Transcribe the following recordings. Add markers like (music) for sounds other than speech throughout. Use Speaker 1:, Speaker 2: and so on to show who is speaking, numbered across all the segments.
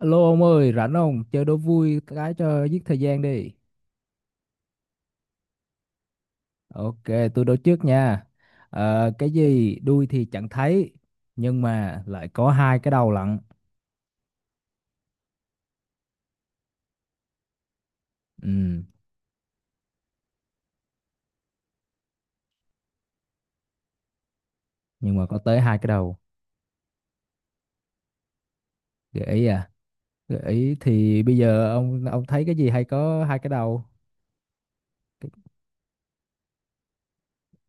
Speaker 1: Alo ông ơi, rảnh không? Chơi đố vui cái cho giết thời gian đi. Ok, tôi đố trước nha. Cái gì đuôi thì chẳng thấy, nhưng mà lại có hai cái đầu lận. Ừ, nhưng mà có tới hai cái đầu. Gợi ý à? Gợi ý thì bây giờ ông thấy cái gì hay có hai cái đầu? Cái-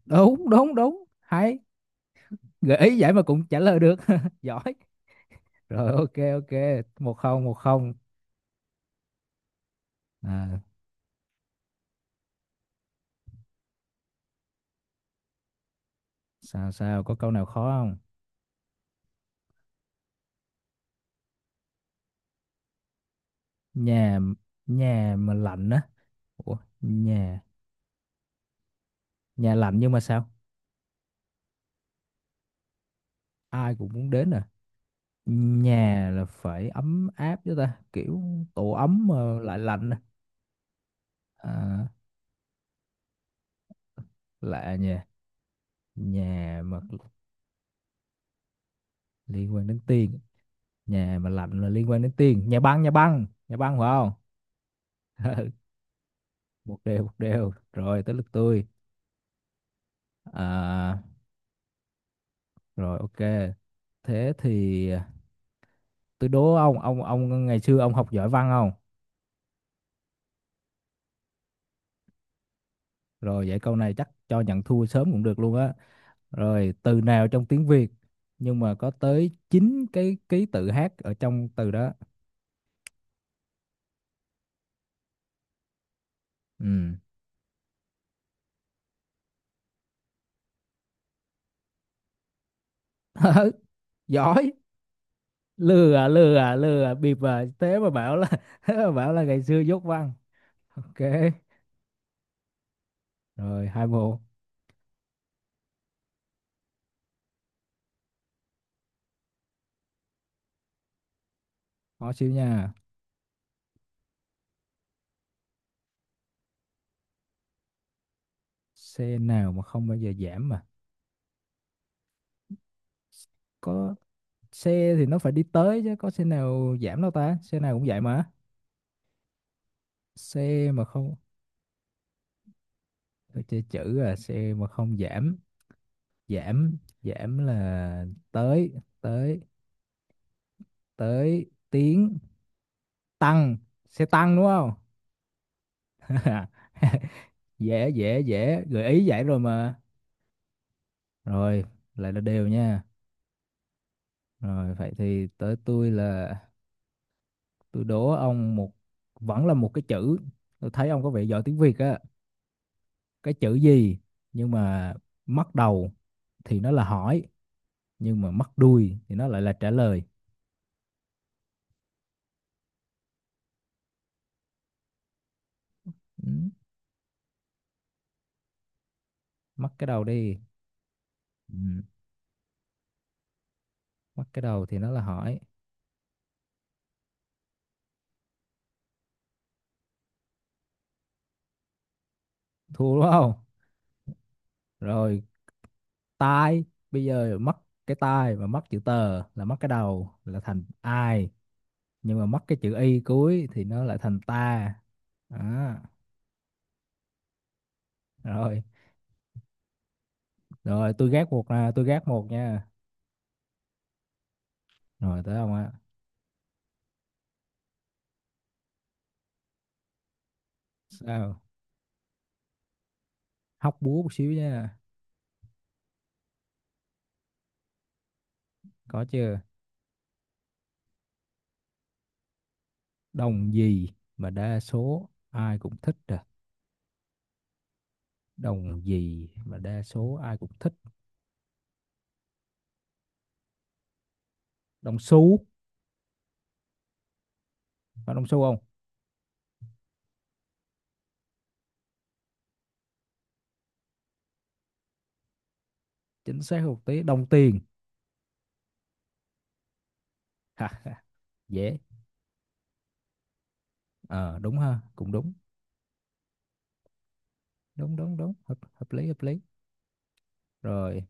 Speaker 1: Đúng, đúng, đúng. Hay. Gợi ý vậy mà cũng trả lời được. (laughs) Giỏi. Rồi ok, ok. Một không, một không. À, sao sao? Có câu nào khó không? Nhà nhà mà lạnh á. Ủa, nhà nhà lạnh nhưng mà sao ai cũng muốn đến à? Nhà là phải ấm áp chứ ta, kiểu tổ ấm mà lại lạnh à. À, lạ, nhà nhà mà liên quan đến tiền, nhà mà lạnh là liên quan đến tiền. Nhà băng, nhà băng, nhà băng phải không? Một đều, một đều, rồi tới lượt tôi. à, Rồi ok, thế thì, tôi đố Ông ngày xưa ông học giỏi văn không? Rồi, vậy câu này chắc cho nhận thua sớm cũng được luôn á. Rồi, từ nào trong tiếng Việt nhưng mà có tới 9 cái ký tự hát ở trong từ đó? Ừ. (laughs) Giỏi. Lừa lừa lừa bịp à? Thế mà bảo là, (laughs) thế mà bảo là ngày xưa dốt văn. Ok, rồi, hai bộ. Khó xíu nha. Xe nào mà không bao giờ giảm mà? Có xe thì nó phải đi tới chứ, có xe nào giảm đâu ta, xe nào cũng vậy mà. Xe mà không, tôi chơi chữ à? Xe mà không Giảm, giảm giảm là tới, tới tới tiếng tăng. Xe tăng đúng không? (laughs) Dễ, dễ, dễ, gợi ý vậy rồi mà. Rồi lại là đều nha. Rồi vậy thì tới tôi. Là tôi đố ông một, vẫn là một cái chữ. Tôi thấy ông có vẻ giỏi tiếng Việt á. Cái chữ gì nhưng mà mất đầu thì nó là hỏi, nhưng mà mất đuôi thì nó lại là trả lời. Ừ. Mất cái đầu đi. Ừ. Mất cái đầu thì nó là hỏi. Thua đúng không? Rồi, tai. Bây giờ mất cái tai, và mất chữ tờ là mất cái đầu là thành ai, nhưng mà mất cái chữ y cuối thì nó lại thành ta. À, rồi rồi tôi gác một nè, tôi gác một nha. Rồi tới ông ạ. Sao, hóc búa một xíu nha. Có chưa? Đồng gì mà đa số ai cũng thích à? Đồng gì mà đa số ai cũng thích? Đồng xu, phải đồng xu không? Chính xác một tí, đồng tiền. Ha, dễ, ờ đúng ha, cũng đúng. Đúng, đúng, đúng, hợp lý hợp lý. Rồi,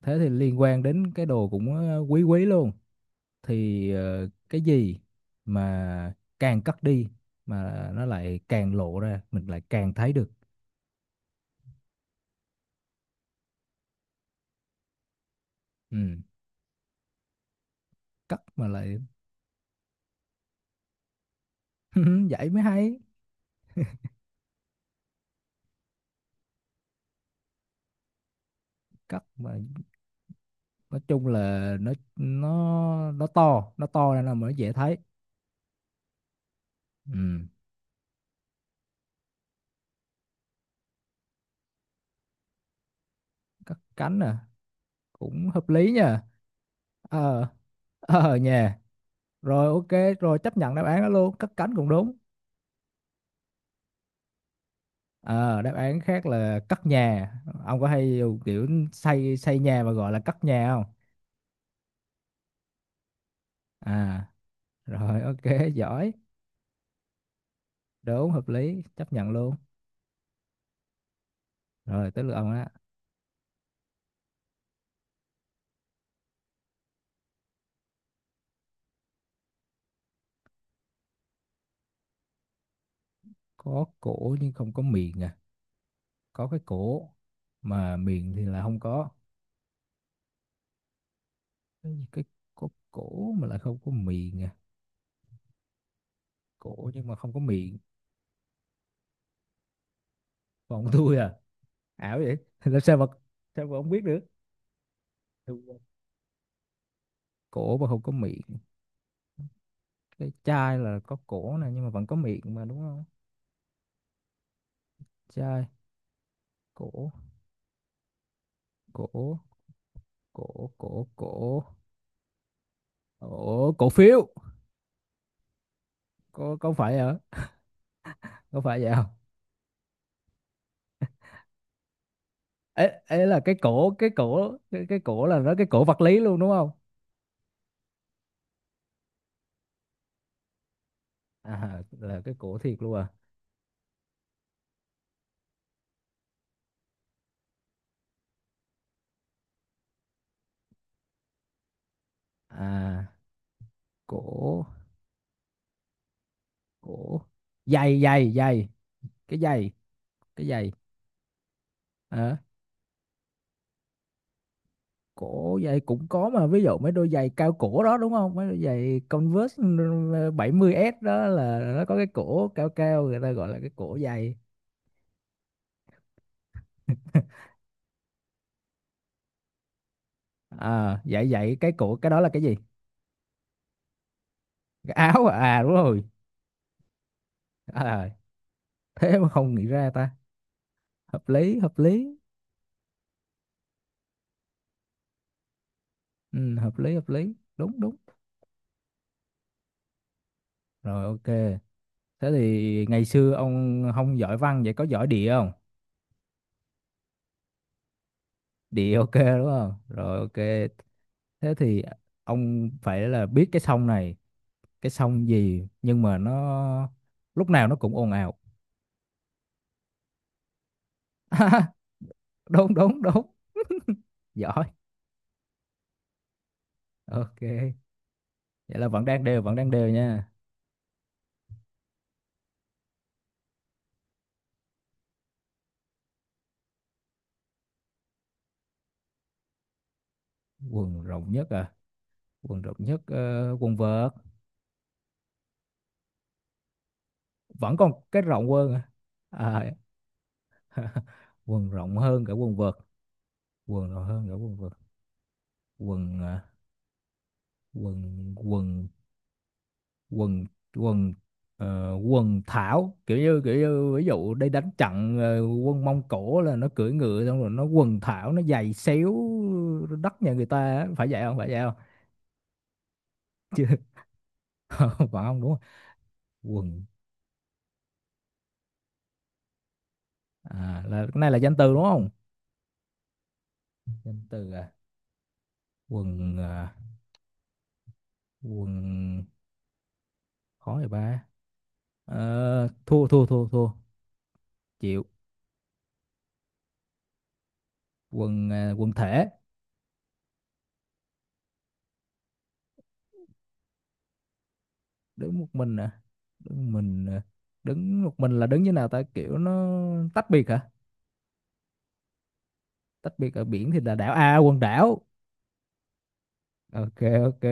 Speaker 1: thế thì liên quan đến cái đồ cũng quý quý luôn. Thì cái gì mà càng cất đi mà nó lại càng lộ ra, mình lại càng thấy được. Ừ, cất mà lại, (laughs) vậy mới hay. Cất mà, nói chung là nó to, nó to nên là mới dễ thấy. Ừ, cất cánh à, cũng hợp lý nha. Ờ, ờ nha. Rồi ok, rồi chấp nhận đáp án đó luôn, cất cánh cũng đúng. Ờ, đáp án khác là cất nhà. Ông có hay dùng kiểu xây xây nhà mà gọi là cất nhà không? À, rồi ok, (laughs) giỏi. Đúng, hợp lý, chấp nhận luôn. Rồi tới lượt ông á. Có cổ nhưng không có miệng à. Có cái cổ mà miệng thì là không có. Cái gì, cái có cổ mà lại không có miệng à? Cổ nhưng mà không có miệng. Còn tôi à, ảo vậy. (laughs) Làm sao mà Sao mà ông biết được? Cổ mà không có miệng. Cái chai là có cổ này nhưng mà vẫn có miệng mà đúng không? Chai, cổ cổ cổ cổ cổ cổ cổ phiếu, có phải hả, có phải vậy không? Ấy ấy là cái cổ, cái cổ là nó, cái cổ vật lý luôn đúng không? À, là cái cổ thiệt luôn à? À, cổ cổ, giày giày giày, cái giày cái giày. À, cổ giày cũng có mà, ví dụ mấy đôi giày cao cổ đó đúng không? Mấy đôi giày Converse ừ, 70s đó, là nó có cái cổ cao cao, người ta gọi là cái cổ giày. À, dạy dạy cái cổ, cái đó là cái gì? Cái áo à, à đúng rồi. À, rồi. Thế mà không nghĩ ra ta. Hợp lý, hợp lý. Ừ, hợp lý, hợp lý, đúng đúng. Rồi ok. Thế thì ngày xưa ông không giỏi văn, vậy có giỏi địa không? Địa ok đúng không, rồi ok. Thế thì ông phải là biết cái sông này, cái sông gì nhưng mà nó lúc nào nó cũng ồn ào. (laughs) Đúng, đúng, đúng. Giỏi. Ok, vậy là vẫn đang đều, vẫn đang đều nha. Quần rộng nhất à? Quần rộng nhất, quần vợt. Vẫn còn cái rộng hơn à? À, quần rộng hơn cả quần vợt. Quần rộng hơn cả quần vợt. Quần à, quần quần quần quần quần thảo, kiểu như ví dụ đây, đánh trận quân Mông Cổ là nó cưỡi ngựa xong rồi nó quần thảo, nó giày xéo đất nhà người ta á. Phải vậy không, phải vậy không? (laughs) Phải không, đúng không? Quần à, là cái này là danh từ đúng không? Danh từ à, quần à, quần, khó vậy ba. Ờ, thua thua thua thua, chịu. Quần à, quần thể. Đứng một mình à? Đứng mình à. Đứng một mình là đứng như nào ta, kiểu nó tách biệt hả? Tách biệt ở biển thì là đảo, à quần đảo. Ok, ok,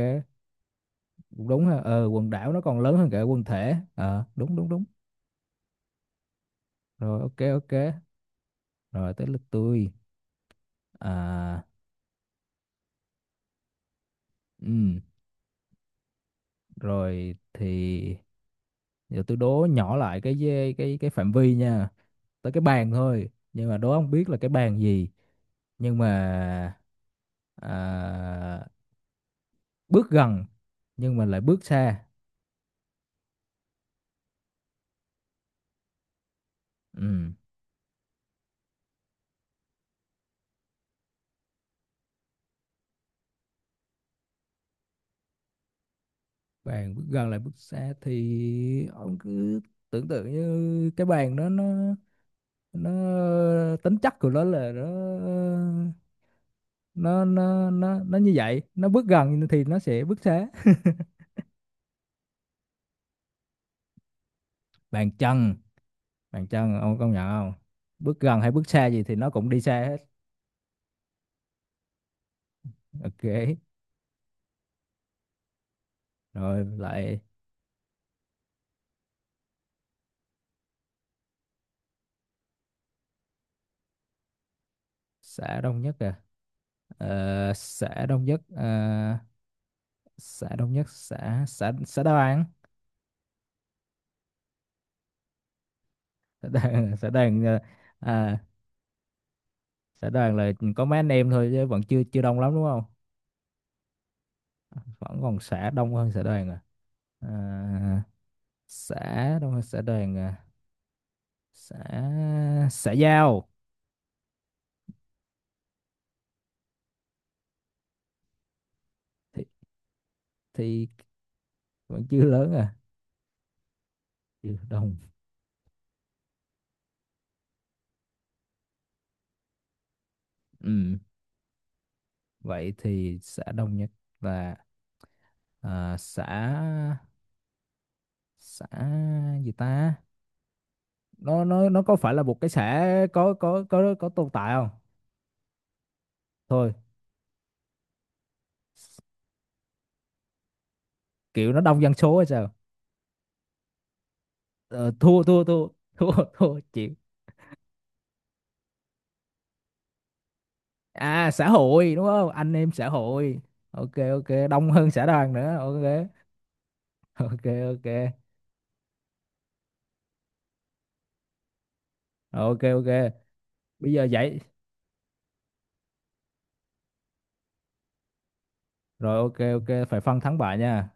Speaker 1: cũng đúng ha, ờ quần đảo nó còn lớn hơn cả quần thể, ờ đúng đúng đúng. Rồi ok, ok. Rồi tới lượt tôi. À, ừ, rồi thì giờ tôi đố nhỏ lại cái cái phạm vi nha. Tới cái bàn thôi, nhưng mà đố không biết là cái bàn gì. Nhưng mà à, bước gần nhưng mà lại bước xa. Ừ. Bàn bước gần lại bước xa thì ông cứ tưởng tượng như cái bàn đó, nó tính chất của nó là nó, nó như vậy, nó bước gần thì nó sẽ bước xa. Bàn chân, bàn chân ông công nhận không? Bước gần hay bước xa gì thì nó cũng đi xa hết. Ok, rồi lại. Xã Đông Nhất à? Ờ, xã đông nhất à, xã Đông Nhất, xã xã xã Đoàn. Xã Đoàn, (laughs) xã đoàn à, xã Đoàn là có mấy anh em thôi chứ vẫn chưa chưa đông lắm đúng không? Vẫn còn xã đông hơn xã Đoàn à? À, xã đông hơn xã Đoàn à? Xã xã Giao. Thì thì vẫn chưa lớn à, chưa đông. Ừ. Vậy thì xã Đông Nhất là, à xã xã gì ta, nó có phải là một cái xã có tồn tại không? Thôi kiểu nó đông dân số hay sao. Ờ, Thua, thua, thua, thua. (laughs) Thua, chịu. À, xã hội đúng không, anh em xã hội. Ok, ok, đông hơn xã đoàn nữa ok. (laughs) Ok, ok, ok, ok, bây giờ vậy. Rồi ok, ok, phải phân thắng bại nha.